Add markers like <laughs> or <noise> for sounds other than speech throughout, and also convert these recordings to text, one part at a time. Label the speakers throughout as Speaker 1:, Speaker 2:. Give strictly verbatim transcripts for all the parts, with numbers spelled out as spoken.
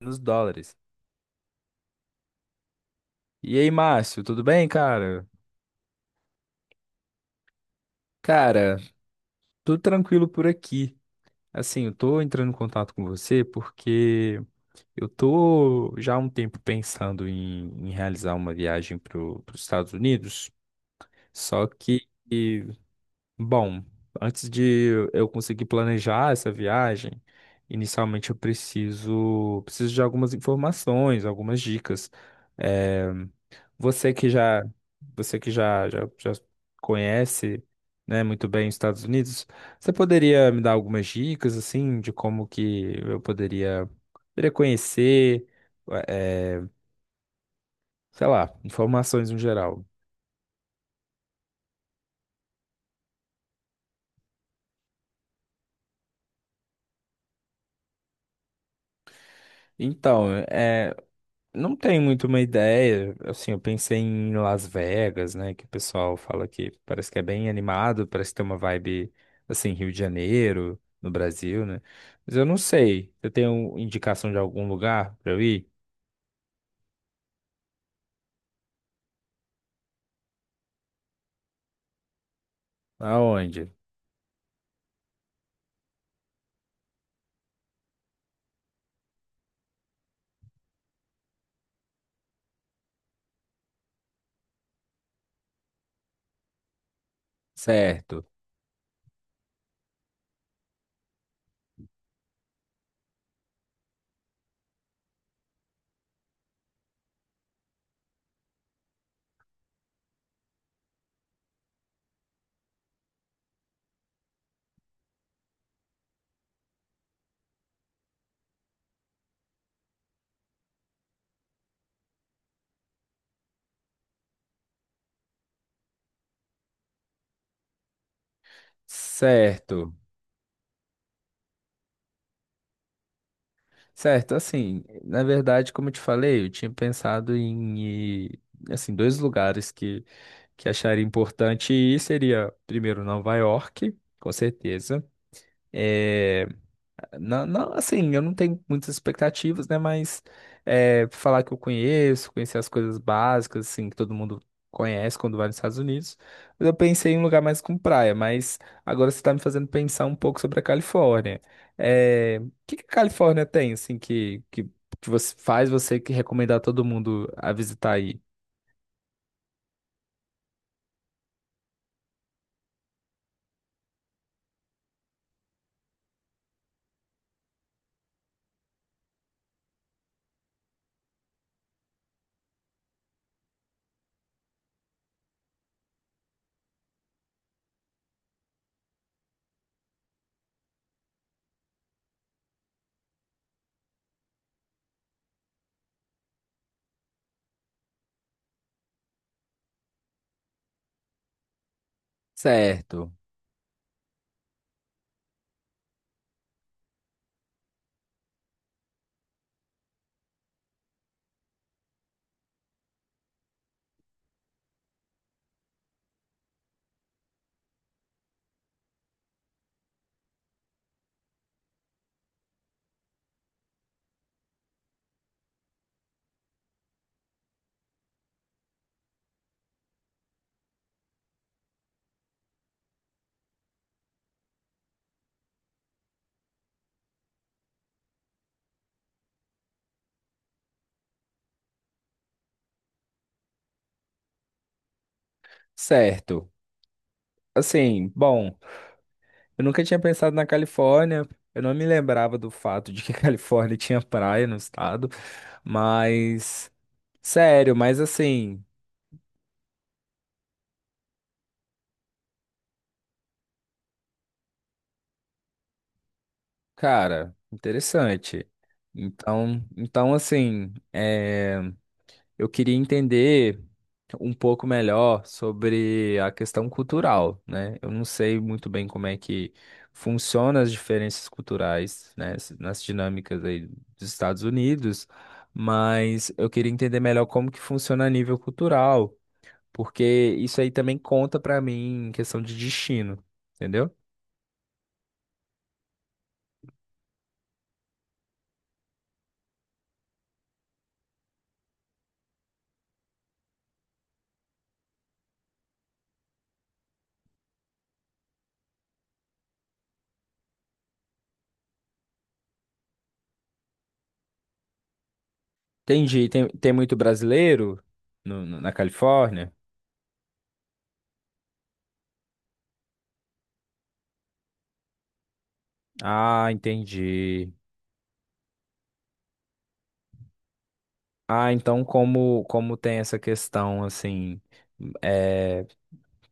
Speaker 1: Nos dólares. E aí, Márcio, tudo bem, cara? Cara, tudo tranquilo por aqui. Assim, eu tô entrando em contato com você porque eu tô já há um tempo pensando em, em realizar uma viagem para os Estados Unidos. Só que, e, bom, antes de eu conseguir planejar essa viagem, inicialmente eu preciso, preciso de algumas informações, algumas dicas. Eh, Você que já, você que já, já, já conhece, né, muito bem os Estados Unidos, você poderia me dar algumas dicas, assim, de como que eu poderia, poderia conhecer, eh, sei lá, informações no geral? Então, não tenho muito uma ideia. Assim, eu pensei em Las Vegas, né? Que o pessoal fala que parece que é bem animado, parece que tem uma vibe assim, Rio de Janeiro, no Brasil, né? Mas eu não sei. Você tem um- indicação de algum lugar pra eu ir? Aonde? Certo, certo, certo. Assim, na verdade, como eu te falei, eu tinha pensado em ir, assim, dois lugares que, que acharia importante ir seria primeiro Nova York, com certeza. É, não, não, assim, eu não tenho muitas expectativas, né? Mas é, falar que eu conheço, conhecer as coisas básicas, assim, que todo mundo conhece quando vai nos Estados Unidos. Mas eu pensei em um lugar mais com praia, mas agora você está me fazendo pensar um pouco sobre a Califórnia. É, o que que a Califórnia tem, assim, que, que, que você faz você que recomendar todo mundo a visitar aí? Certo, certo. Assim, bom. Eu nunca tinha pensado na Califórnia. Eu não me lembrava do fato de que a <laughs> Califórnia tinha praia no estado. Mas, sério, mas assim, cara, interessante. Então, então assim, é, eu queria entender. Um pouco melhor sobre a questão cultural, né? Eu não sei muito bem como é que funciona as diferenças culturais, né, s- nas dinâmicas aí dos Estados Unidos, mas eu queria entender melhor como que funciona a nível cultural, porque isso aí também conta para mim em questão de destino, entendeu? Entendi. Tem, tem muito brasileiro no- no- na Califórnia? Ah, entendi. Ah, então como como tem essa questão assim, é,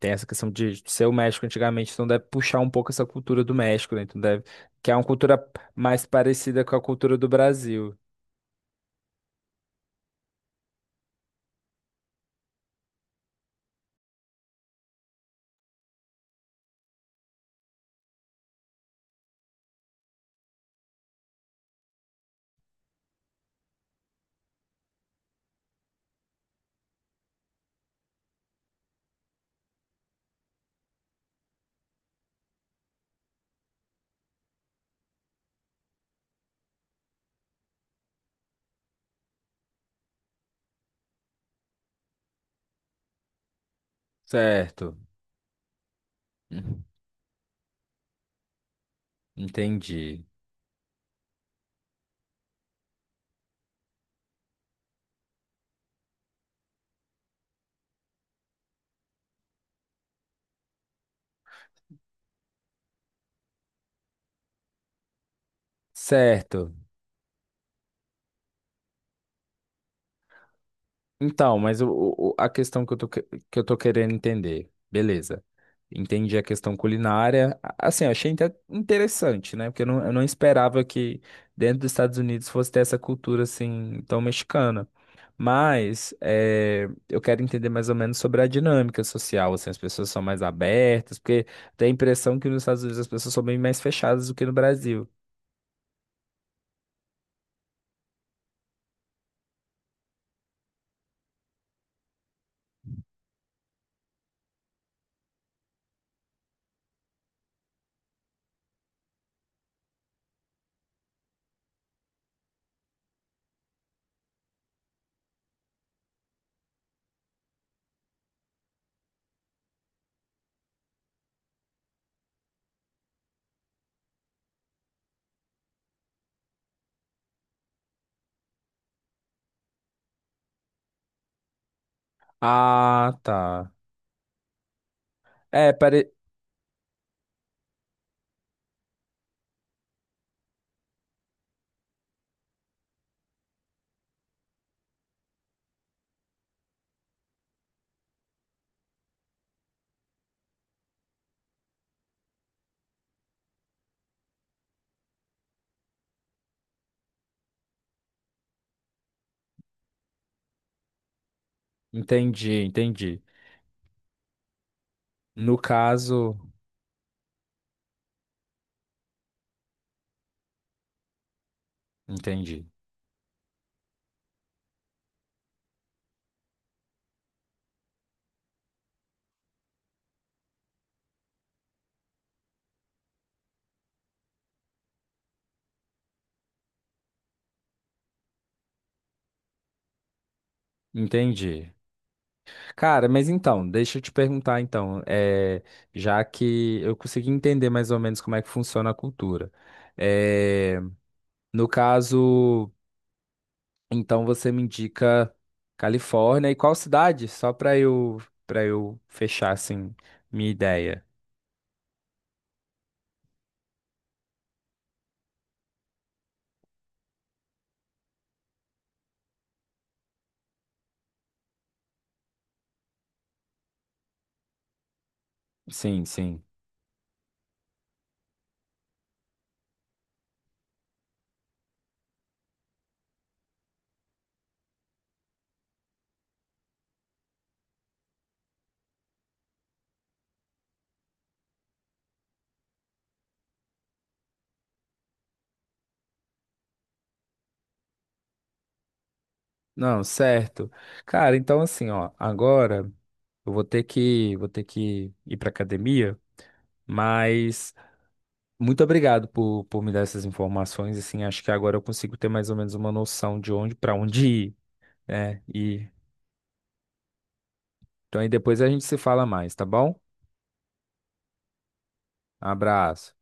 Speaker 1: tem essa questão de ser o México antigamente, então deve puxar um pouco essa cultura do México, né? Então deve, que é uma cultura mais parecida com a cultura do Brasil. Certo. Uhum. Entendi. Certo. Então, mas o, o- a questão que eu tô, que que eu tô querendo entender, beleza. Entendi a questão culinária. A- Assim, eu achei inte- interessante, né? Porque eu não, eu não esperava que dentro dos Estados Unidos fosse ter essa cultura assim tão mexicana. Mas eh, eu quero entender mais ou menos sobre a dinâmica social, assim, as pessoas são mais abertas, porque tem a impressão que nos Estados Unidos as pessoas são bem mais fechadas do que no Brasil. Ah, tá. É, pare... entendi, entendi. No caso. Entendi. Entendi. Cara, mas então, deixa eu te perguntar então, é, já que eu consegui entender mais ou menos como é que funciona a cultura. É, no caso, então você me indica Califórnia e qual cidade? Só para eu para eu fechar assim minha ideia. Sim, sim. Não, certo. Cara, então assim, ó, agora eu vou ter que vou ter que ir para academia, mas muito obrigado por, por me dar essas informações. Assim, acho que agora eu consigo ter mais ou menos uma noção de onde para onde ir, né? E então aí depois a gente se fala mais, tá bom? Abraço.